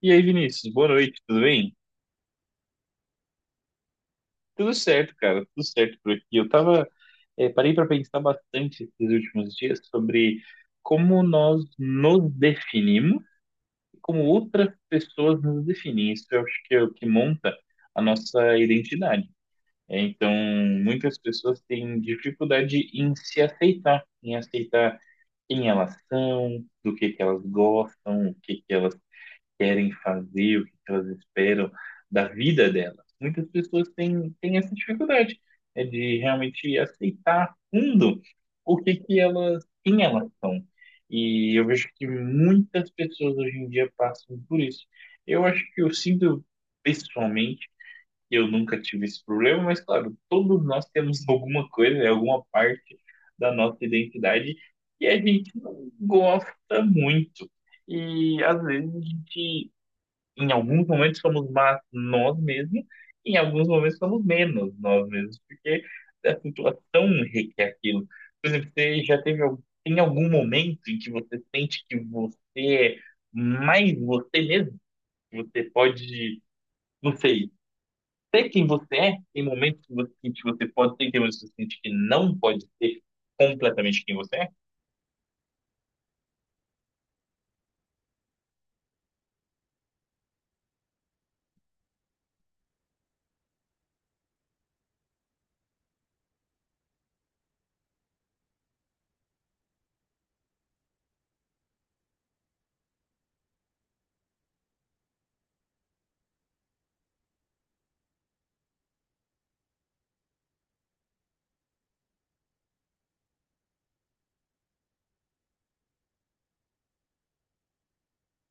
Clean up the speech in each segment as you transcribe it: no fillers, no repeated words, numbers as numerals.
E aí, Vinícius, boa noite, tudo bem? Tudo certo, cara, tudo certo por aqui. Eu tava, parei para pensar bastante esses últimos dias sobre como nós nos definimos, e como outras pessoas nos definem. Isso eu acho que é o que monta a nossa identidade. Então, muitas pessoas têm dificuldade em se aceitar, em aceitar quem elas são, do que elas gostam, o que que elas querem fazer, o que elas esperam da vida delas. Muitas pessoas têm essa dificuldade, de realmente aceitar a fundo o que que elas, quem elas são. E eu vejo que muitas pessoas hoje em dia passam por isso. Eu acho que eu sinto pessoalmente que eu nunca tive esse problema, mas claro, todos nós temos alguma coisa, né, alguma parte da nossa identidade que a gente não gosta muito. E às vezes a gente em alguns momentos somos mais nós mesmos, e em alguns momentos somos menos nós mesmos, porque a situação requer aquilo. Por exemplo, você já teve algum, tem algum momento em que você sente que você é mais você mesmo? Que você pode, não sei, ser quem você é? Tem momentos que você sente que você pode ser, tem momentos que você sente que não pode ser completamente quem você é?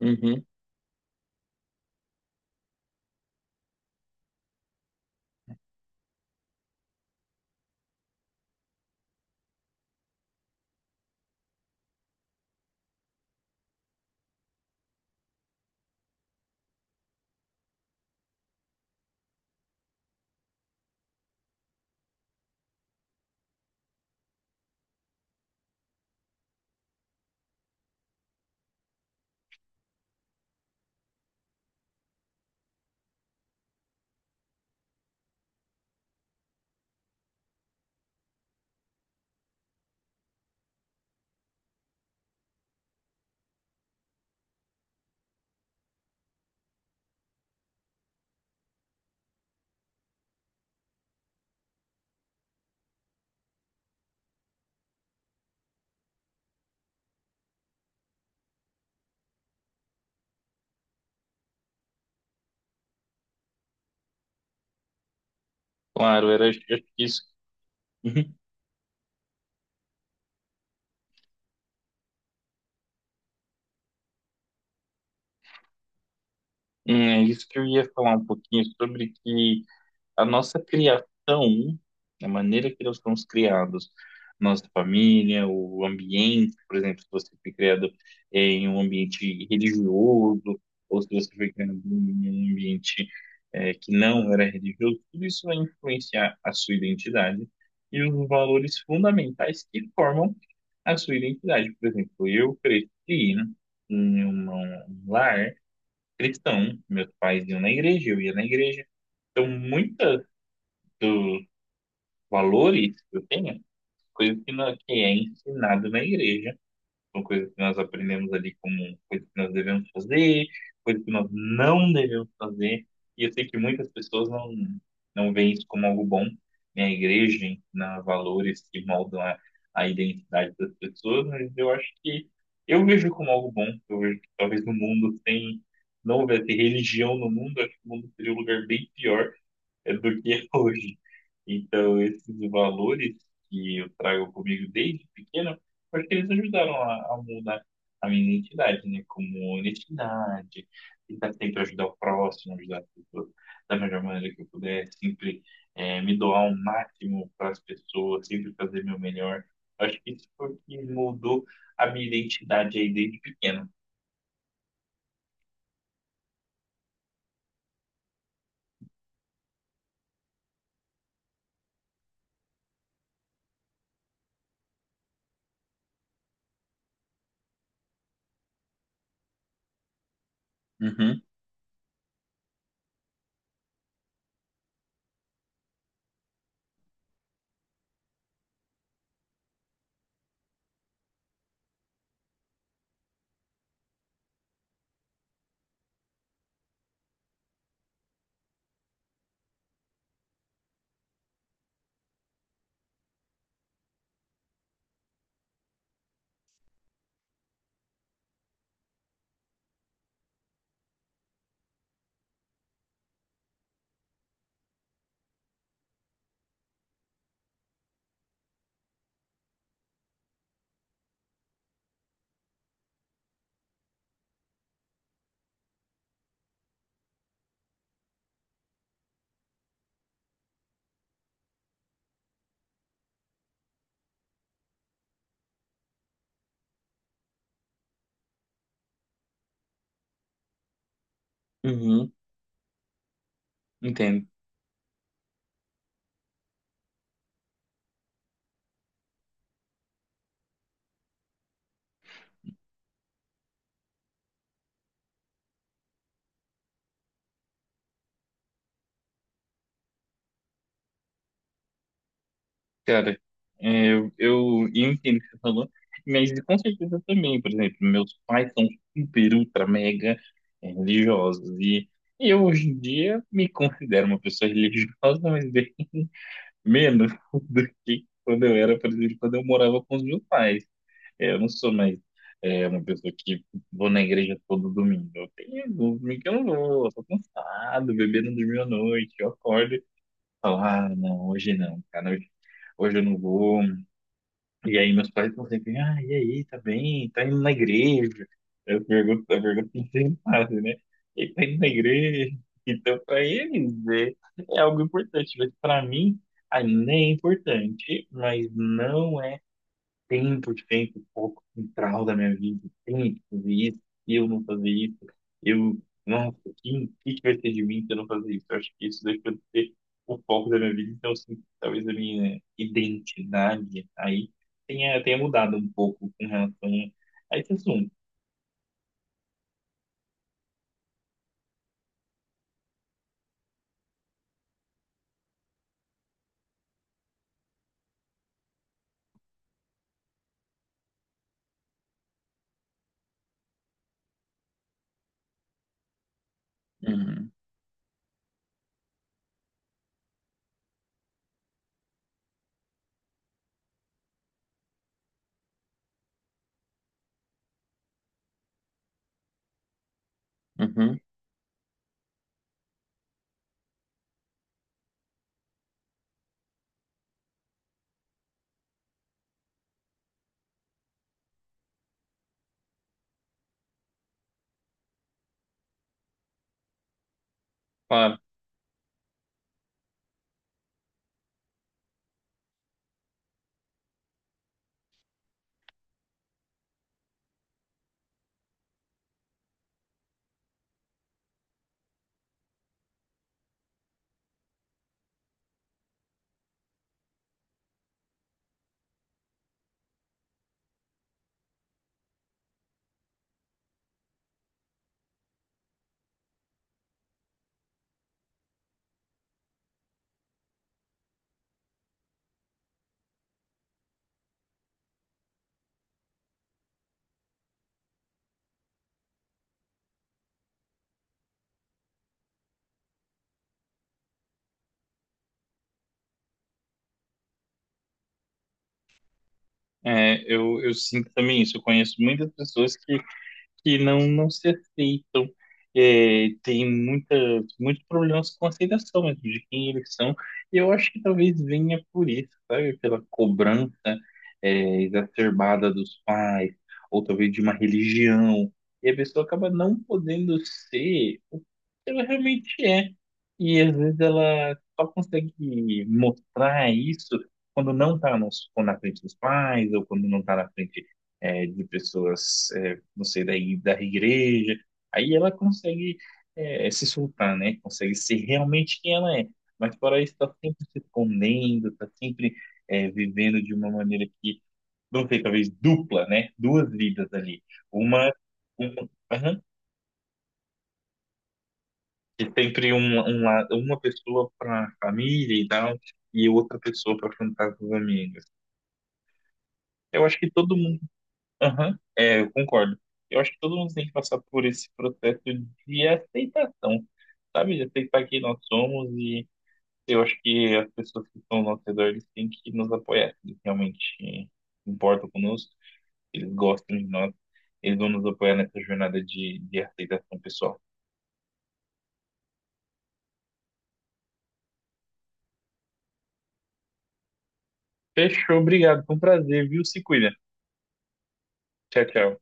Uhum, claro, era acho que isso. Uhum. É isso que eu ia falar um pouquinho sobre que. A nossa criação, a maneira que nós somos criados, nossa família, o ambiente, por exemplo, se você foi criado em um ambiente religioso, ou se você foi criado em um ambiente que não era religioso, tudo isso vai influenciar a sua identidade e os valores fundamentais que formam a sua identidade. Por exemplo, eu cresci em um lar cristão, meus pais iam na igreja, eu ia na igreja. Então, muitas dos valores que eu tenho, coisas que, não, que é ensinado na igreja, são coisas que nós aprendemos ali como coisas que nós devemos fazer, coisas que nós não devemos fazer, e eu sei que muitas pessoas não veem isso como algo bom, né? A igreja ensina valores que moldam a identidade das pessoas, mas eu acho que eu vejo como algo bom, eu vejo que talvez no mundo sem, não houvesse religião no mundo, acho que o mundo seria um lugar bem pior, é do que é hoje. Então, esses valores que eu trago comigo desde pequeno, eu acho que eles ajudaram a mudar a minha identidade, né? Como honestidade, tentar sempre ajudar o próximo, ajudar as pessoas da melhor maneira que eu puder, sempre me doar o máximo para as pessoas, sempre fazer meu melhor. Acho que isso foi o que mudou a minha identidade aí desde pequeno. Uhum, uhum, entendo. Cara, eu entendo o que você falou, mas com certeza também, por exemplo, meus pais são super, ultra, mega religiosos, e eu hoje em dia me considero uma pessoa religiosa, mas bem menos do que quando eu era, por exemplo, quando eu morava com os meus pais. É, eu não sou mais uma pessoa que vou na igreja todo domingo, eu tenho domingo que eu não vou, eu tô cansado, o bebê não dormiu à noite, eu acordo e falo, ah, não, hoje não, cara, hoje eu não vou, e aí meus pais estão sempre, ah, e aí, tá bem? Tá indo na igreja? Eu pergunto, não tem nada, né? Ele tá indo na igreja. Então, para eles, é algo importante, mas para mim, ainda é importante, mas não é tempo de tempo, o foco central da minha vida, tem que fazer isso, e eu não fazer isso, eu, nossa, o que, que vai ser de mim se eu não fazer isso? Eu acho que isso deixa de ser o foco da minha vida, então, assim, talvez a minha identidade aí tenha mudado um pouco com relação a esse assunto. Uhum, uhum, claro. É, eu sinto também isso. Eu conheço muitas pessoas que não, não se aceitam. É, tem muitas, muitos problemas com aceitação mesmo de quem eles são. E eu acho que talvez venha por isso, sabe? Pela cobrança, exacerbada dos pais, ou talvez de uma religião. E a pessoa acaba não podendo ser o que ela realmente é. E às vezes ela só consegue mostrar isso quando não está na frente dos pais, ou quando não está na frente de pessoas não sei, da, da igreja. Aí ela consegue se soltar, né? Consegue ser realmente quem ela é. Mas fora isso, está sempre se escondendo, tá sempre vivendo de uma maneira que, não sei, talvez dupla, né? Duas vidas ali. Uma, uma, aham. E sempre uma pessoa para família e tal, e outra pessoa para afrontar com os amigos. Eu acho que todo mundo. Aham, é, eu concordo. Eu acho que todo mundo tem que passar por esse processo de aceitação. Sabe, já sei para quem nós somos e eu acho que as pessoas que estão ao nosso redor, eles têm que nos apoiar, eles realmente importam conosco, eles gostam de nós, eles vão nos apoiar nessa jornada de aceitação pessoal. Fechou, obrigado, foi um prazer, viu? Se cuida. Tchau, tchau.